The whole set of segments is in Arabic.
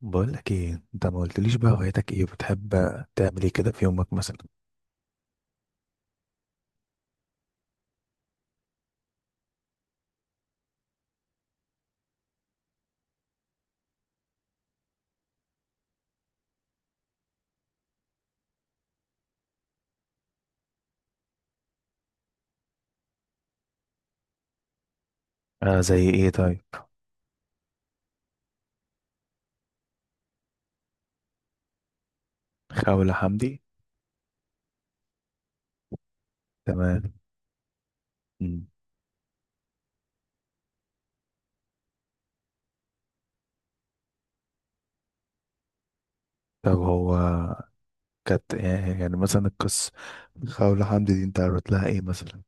بقول لك ايه؟ انت ما قلتليش بقى هوايتك ايه، بتحب تعمل ايه كده في يومك مثلا؟ آه، زي ايه طيب؟ خولة حمدي. تمام. مم. طب هو كانت يعني مثلا القصة، خولة حمدي دي انت قريت لها ايه مثلا؟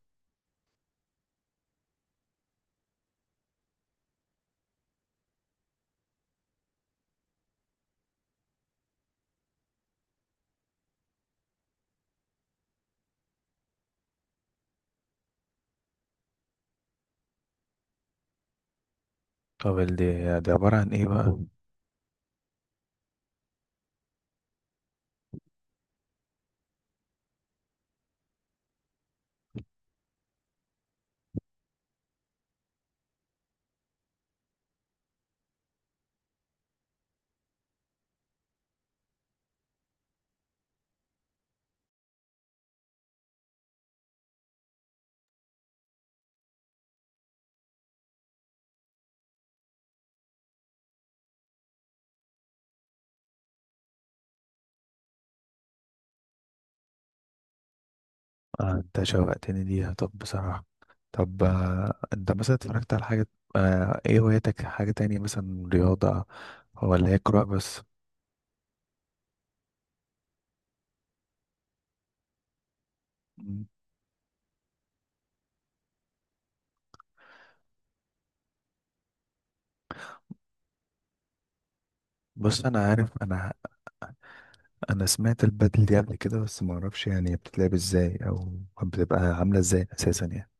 طب دي عبارة عن ايه بقى؟ آه، انت شوقتني ليها. طب بصراحة، طب انت مثلا اتفرجت على حاجة؟ آه، ايه هوايتك؟ حاجة تانية مثلا، رياضة ولا هي قراءة بس؟ مم. بص انا عارف، انا سمعت البدل دي قبل كده بس ما اعرفش يعني بتتلعب ازاي او بتبقى عامله ازاي اساسا يعني.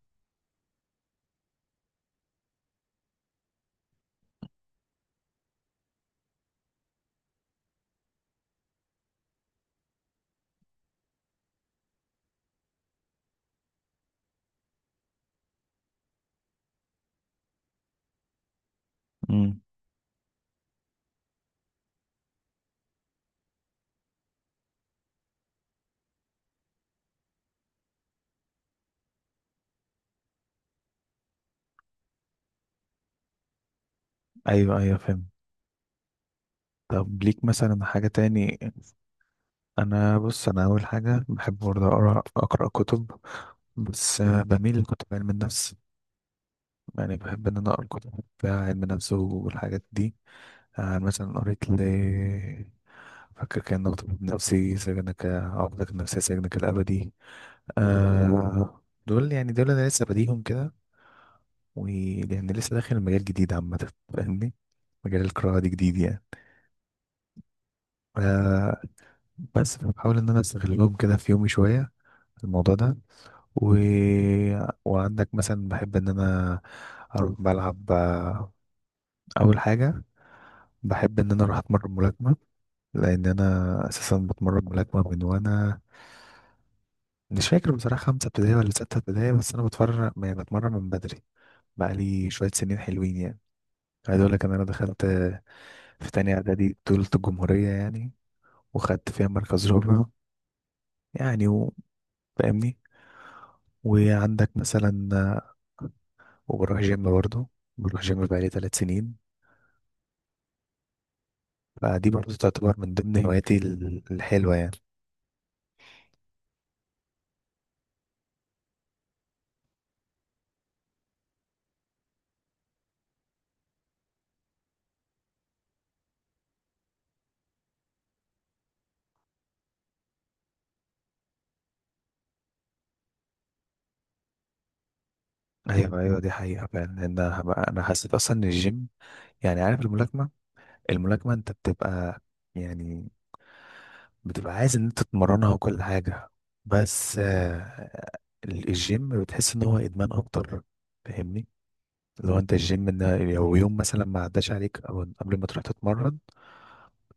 امم. ايوه، ايوه، فاهم. طب ليك مثلا حاجه تاني؟ انا بص، انا اول حاجه بحب برضه اقرا كتب، بس بميل لكتب علم النفس، يعني بحب ان انا اقرا كتب بتاع علم النفس والحاجات دي. مثلا قريت ل، فاكر كان طبيب نفسي، سجنك، عقدك النفسية، سجنك الأبدي. آه، دول يعني دول أنا لسه بديهم كده، ولأن لسه داخل مجال جديد عامة فاهمني، مجال القراءة دي جديد يعني. ف- بس بحاول إن أنا أستغلهم كده في يومي شوية في الموضوع ده. و... وعندك مثلا بحب إن أنا أروح بلعب، أول حاجة بحب إن أنا أروح أتمرن ملاكمة، لأن أنا أساسا بتمرن ملاكمة من وأنا مش فاكر بصراحة، خمسة ابتدائي ولا ستة ابتدائي، بس أنا بتفرج يعني بتمرن من بدري، بقالي شوية سنين حلوين يعني. عايز أقول لك إن أنا دخلت في تانية إعدادي بطولة الجمهورية يعني، وخدت فيها مركز رابع يعني فاهمني. وعندك مثلا، وبروح جيم برضه، بروح جيم بقالي 3 سنين، فدي برضه تعتبر من ضمن هواياتي الحلوة يعني. أيوة، أيوة، دي حقيقة فعلا، لأن أنا حسيت أصلا إن الجيم، يعني عارف الملاكمة أنت بتبقى، يعني بتبقى عايز إن أنت تتمرنها وكل حاجة، بس الجيم بتحس إن هو إدمان أكتر فاهمني. لو انت الجيم ان، لو يوم مثلا ما عداش عليك او قبل ما تروح تتمرن،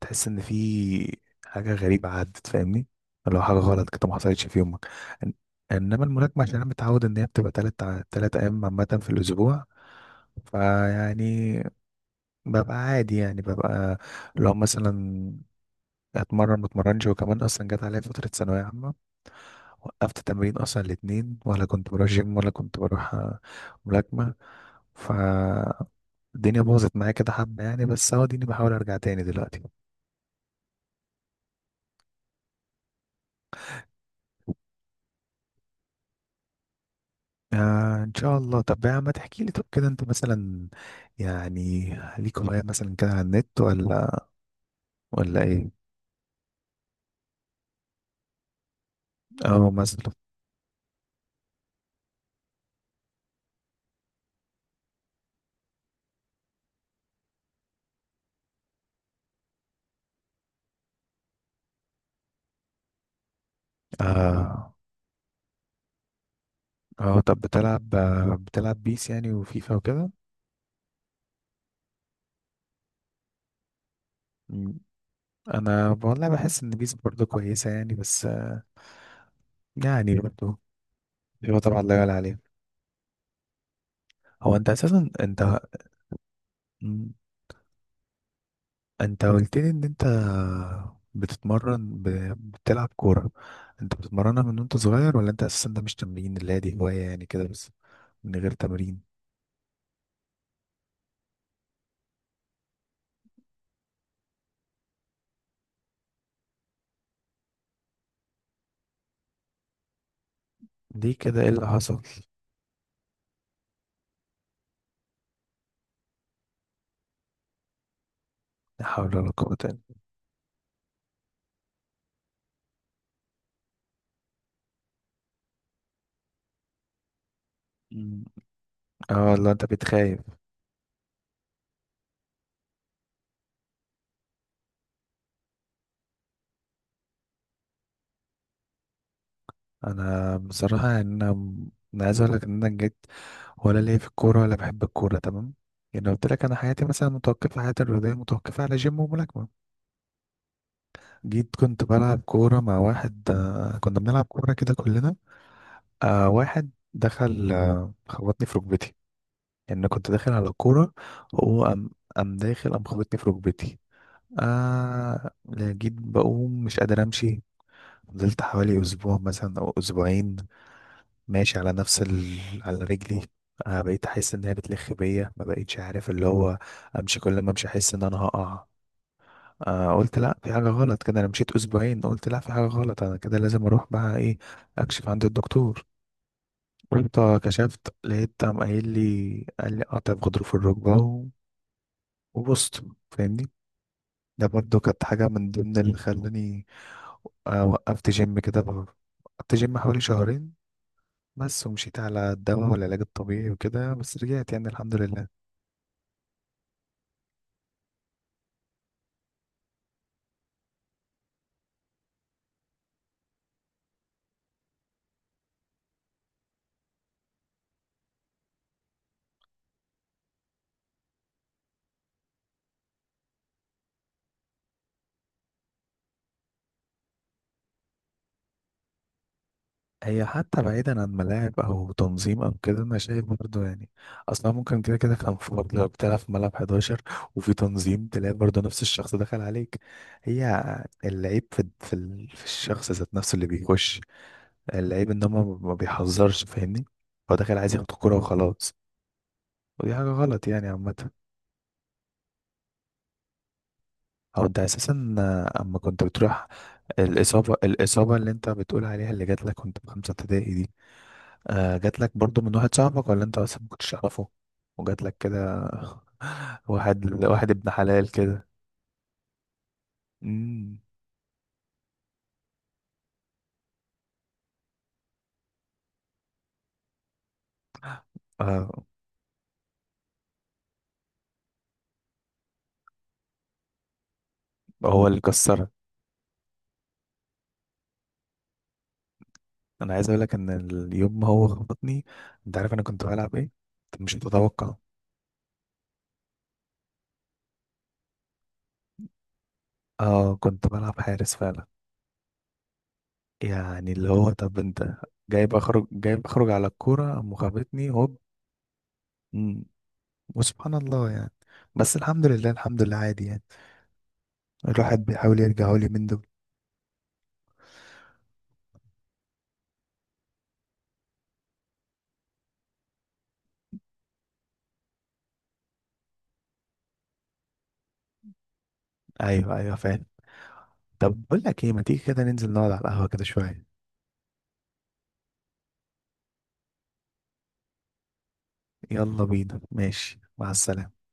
تحس ان في حاجه غريبه عدت فاهمني، لو حاجه غلط كده ما حصلتش في يومك. إن- انما الملاكمه عشان انا متعود ان هي بتبقى تلات ايام عامه في الاسبوع، فيعني ببقى عادي يعني ببقى لو مثلا اتمرن ما اتمرنش. وكمان اصلا جت عليا فتره ثانويه عامه، وقفت تمرين اصلا الاتنين، ولا كنت بروح جيم ولا كنت بروح ملاكمه، ف الدنيا باظت معايا كده حبة يعني، بس اهو اديني بحاول ارجع تاني دلوقتي. آه ان شاء الله. طب يا عم تحكي لي، طب كده انت مثلا يعني ليك هواية مثلا كده على النت ولا ايه؟ اه مثلا. اه. اه طب بتلعب بيس يعني وفيفا وكده. مم. انا والله بحس ان بيس برضه كويسة يعني بس يعني برضه، فيفا طبعا لا يعلى عليها، هو انت اساسا انت. مم. انت قلت لي ان انت بتتمرن ب... بتلعب كورة، انت بتتمرنها من وانت صغير ولا انت اساسا ده مش تمرين، اللي هي دي هواية يعني كده بس من غير تمرين؟ دي كده ايه اللي حصل؟ لا حول ولا قوة الا بالله. اه والله انت بتخايف. انا بصراحة يعني، انا عايز اقول لك ان انا جيت، ولا ليا في الكورة ولا بحب الكورة تمام، يعني لو قلت لك انا حياتي مثلا متوقفة، حياتي الرياضية متوقفة على جيم وملاكمة. جيت كنت بلعب كورة مع واحد، كنا بنلعب كورة كده كلنا، واحد دخل خبطني في ركبتي، يعني أنا كنت داخل على الكورة وهو قام، قام داخل قام خبطني في ركبتي، آه لا، جيت بقوم مش قادر أمشي. فضلت حوالي أسبوع مثلا أو أسبوعين ماشي على نفس على رجلي، بقيت أحس إن هي بتلخ بيا، ما بقيتش عارف اللي هو أمشي، كل ما أمشي أحس إن أنا هقع، قلت لا، في حاجة غلط كده، أنا مشيت أسبوعين، قلت لا، في حاجة غلط، أنا كده لازم أروح بقى إيه، أكشف عند الدكتور، رحت كشفت لقيت، قام قايل لي قال لي قطع في غضروف الركبة وبصت فاهمني، ده برضو كانت حاجة من ضمن اللي خلاني وقفت جيم كده وقفت جيم حوالي شهرين بس، ومشيت على الدواء والعلاج الطبيعي وكده، بس رجعت يعني الحمد لله. هي حتى بعيدا عن ملاعب او تنظيم او كده، انا شايف برضه يعني اصلا ممكن كده كده كان في برضه، لو بتلعب في ملعب 11 وفي تنظيم تلاقي برضه نفس الشخص دخل عليك، هي اللعيب في الشخص ذات نفسه اللي بيخش، اللعيب ان هو ما بيحذرش فاهمني، هو داخل عايز ياخد الكوره وخلاص، ودي حاجه غلط يعني عامه، او ده اساسا اما كنت بتروح. الاصابه اللي انت بتقول عليها، اللي جات لك وانت في خمسه ابتدائي دي، آه جات لك برضو من واحد صاحبك ولا انت اصلا ما كنتش تعرفه وجات لك كده؟ واحد واحد ابن حلال كده. امم. آه، هو اللي كسرك؟ انا عايز اقول لك ان اليوم ما هو خبطني، انت عارف انا كنت بلعب ايه؟ انت مش هتتوقع، اه كنت بلعب حارس فعلا، يعني اللي هو طب انت، جايب اخرج على الكوره قام خبطني هوب. امم، وسبحان الله يعني، بس الحمد لله الحمد لله عادي يعني، الواحد بيحاول يرجع لي من دول. ايوه ايوه فاهم، طب بقول لك ايه، ما تيجي كده ننزل نقعد على القهوة كده شوية؟ يلا بينا ماشي، مع السلامة.